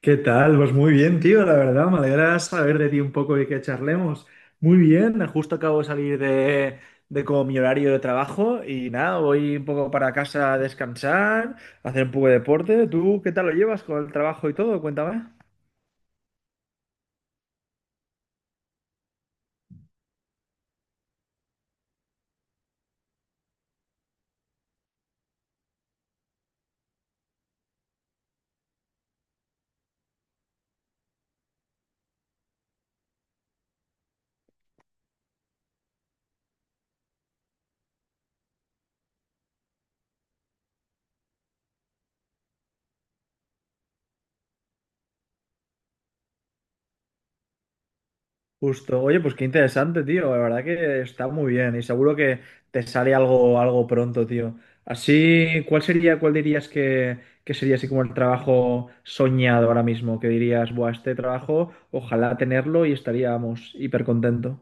¿Qué tal? Pues muy bien, tío, la verdad, me alegra saber de ti un poco y que charlemos. Muy bien, justo acabo de salir de como mi horario de trabajo y nada, voy un poco para casa a descansar, a hacer un poco de deporte. ¿Tú qué tal lo llevas con el trabajo y todo? Cuéntame. Justo. Oye, pues qué interesante, tío. La verdad que está muy bien y seguro que te sale algo, algo pronto, tío. Así, ¿cuál dirías que sería así como el trabajo soñado ahora mismo? Que dirías, buah, este trabajo, ojalá tenerlo y estaríamos hiper contento.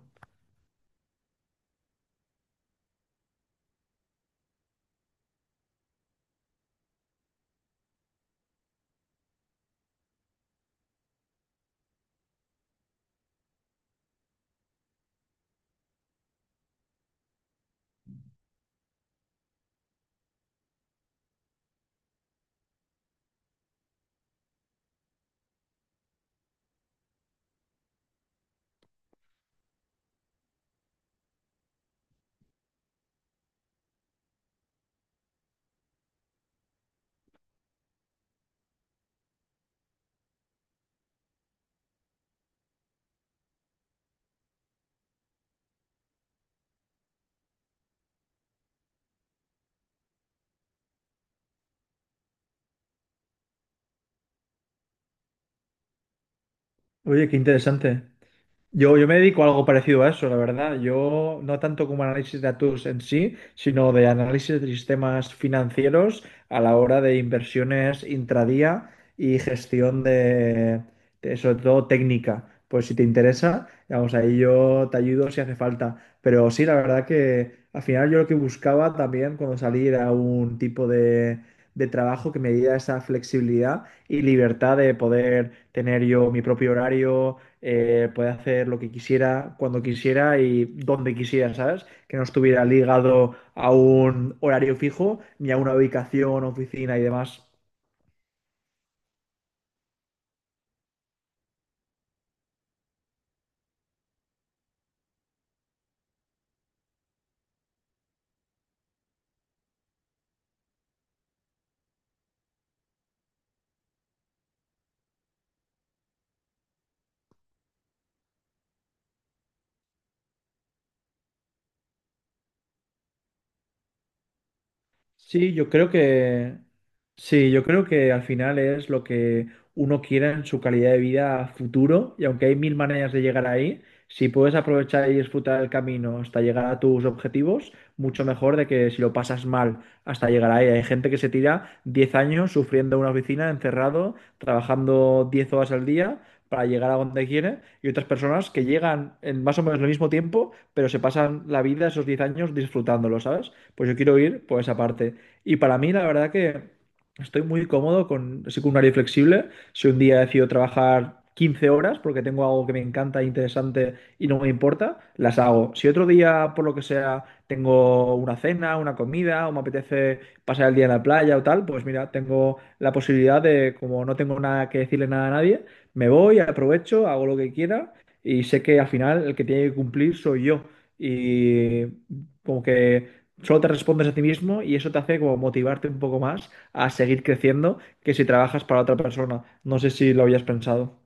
Oye, qué interesante. Yo me dedico a algo parecido a eso, la verdad. Yo no tanto como análisis de datos en sí, sino de análisis de sistemas financieros a la hora de inversiones intradía y gestión sobre todo técnica. Pues si te interesa, vamos, ahí yo te ayudo si hace falta. Pero sí, la verdad que al final yo lo que buscaba también cuando salí era un tipo de trabajo que me diera esa flexibilidad y libertad de poder tener yo mi propio horario puede hacer lo que quisiera, cuando quisiera y donde quisiera, ¿sabes? Que no estuviera ligado a un horario fijo ni a una ubicación, oficina y demás. Sí, yo creo que sí, yo creo que al final es lo que uno quiera en su calidad de vida a futuro, y aunque hay mil maneras de llegar ahí, si puedes aprovechar y disfrutar el camino hasta llegar a tus objetivos, mucho mejor de que si lo pasas mal hasta llegar ahí. Hay gente que se tira 10 años sufriendo en una oficina, encerrado, trabajando 10 horas al día para llegar a donde quiere, y otras personas que llegan en más o menos el mismo tiempo, pero se pasan la vida esos 10 años disfrutándolo, ¿sabes? Pues yo quiero ir por esa parte. Y para mí, la verdad que estoy muy cómodo con, así con un horario flexible. Si un día decido trabajar 15 horas porque tengo algo que me encanta, interesante y no me importa, las hago. Si otro día, por lo que sea, tengo una cena, una comida o me apetece pasar el día en la playa o tal, pues mira, tengo la posibilidad de, como no tengo nada que decirle nada a nadie, me voy, aprovecho, hago lo que quiera y sé que al final el que tiene que cumplir soy yo. Y como que solo te respondes a ti mismo y eso te hace como motivarte un poco más a seguir creciendo que si trabajas para otra persona. No sé si lo habías pensado.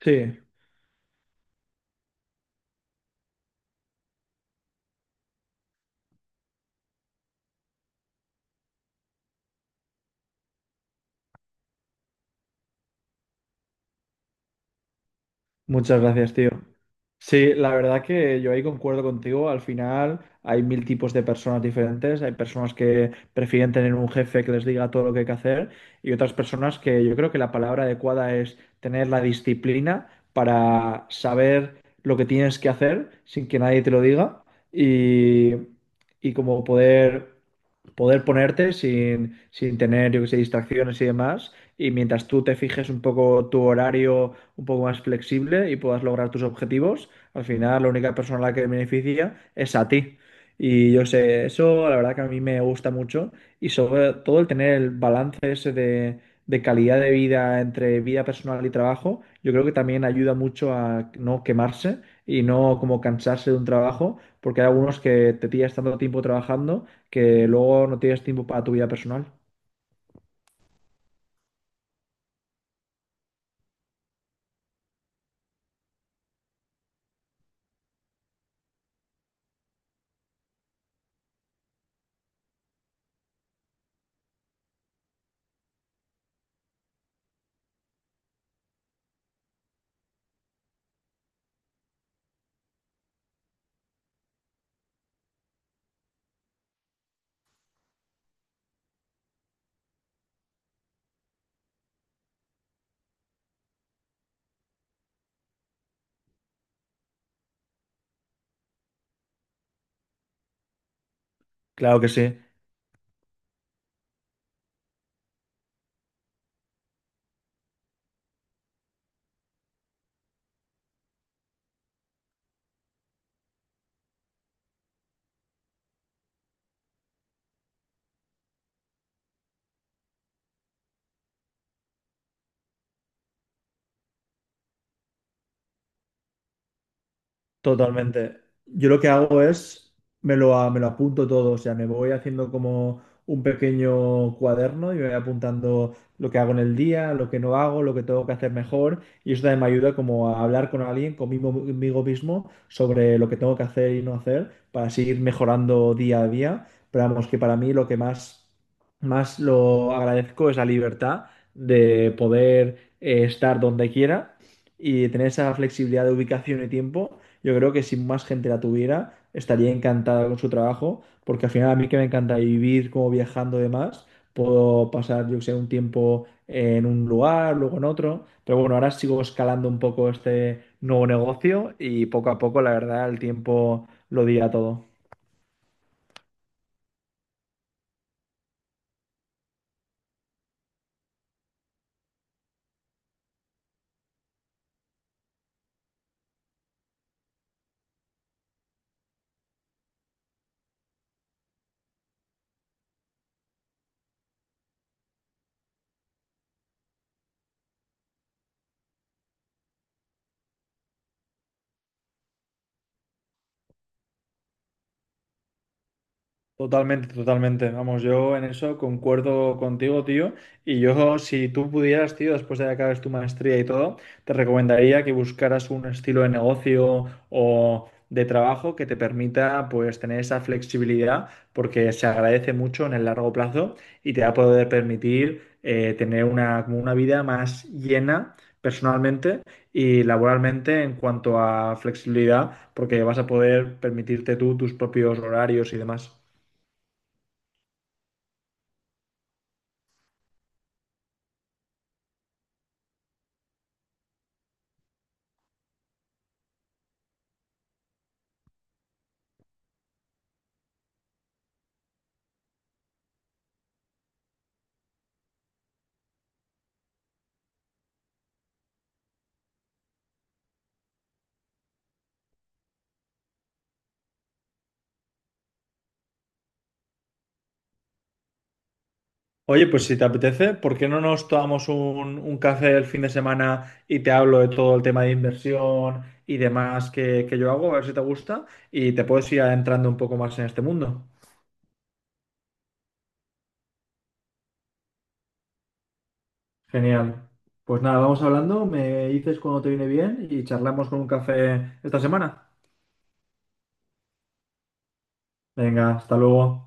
Sí. Muchas gracias, tío. Sí, la verdad que yo ahí concuerdo contigo. Al final hay mil tipos de personas diferentes. Hay personas que prefieren tener un jefe que les diga todo lo que hay que hacer y otras personas que yo creo que la palabra adecuada es tener la disciplina para saber lo que tienes que hacer sin que nadie te lo diga y, y como poder ponerte sin tener, yo que sé, distracciones y demás. Y mientras tú te fijes un poco tu horario un poco más flexible y puedas lograr tus objetivos, al final la única persona a la que beneficia es a ti. Y yo sé, eso la verdad que a mí me gusta mucho y sobre todo el tener el balance ese de calidad de vida entre vida personal y trabajo, yo creo que también ayuda mucho a no quemarse y no como cansarse de un trabajo, porque hay algunos que te pillas tanto tiempo trabajando que luego no tienes tiempo para tu vida personal. Claro que sí. Totalmente. Yo lo que hago es, me lo apunto todo, o sea, me voy haciendo como un pequeño cuaderno y me voy apuntando lo que hago en el día, lo que no hago, lo que tengo que hacer mejor y eso también me ayuda como a hablar con alguien, conmigo, conmigo mismo, sobre lo que tengo que hacer y no hacer para seguir mejorando día a día. Pero vamos, que para mí lo que más, más lo agradezco es la libertad de poder estar donde quiera y tener esa flexibilidad de ubicación y tiempo yo creo que si más gente la tuviera, estaría encantada con su trabajo, porque al final a mí que me encanta vivir como viajando y demás, puedo pasar, yo que sé, un tiempo en un lugar, luego en otro, pero bueno, ahora sigo escalando un poco este nuevo negocio y poco a poco, la verdad, el tiempo lo dirá todo. Totalmente, totalmente. Vamos, yo en eso concuerdo contigo, tío. Si tú pudieras, tío, después de que acabes tu maestría y todo, te recomendaría que buscaras un estilo de negocio o de trabajo que te permita, pues, tener esa flexibilidad, porque se agradece mucho en el largo plazo y te va a poder permitir tener una, como una vida más llena personalmente y laboralmente en cuanto a flexibilidad, porque vas a poder permitirte tú tus propios horarios y demás. Oye, pues si te apetece, ¿por qué no nos tomamos un café el fin de semana y te hablo de todo el tema de inversión y demás que yo hago? A ver si te gusta y te puedes ir adentrando un poco más en este mundo. Genial. Pues nada, vamos hablando, me dices cuando te viene bien y charlamos con un café esta semana. Venga, hasta luego.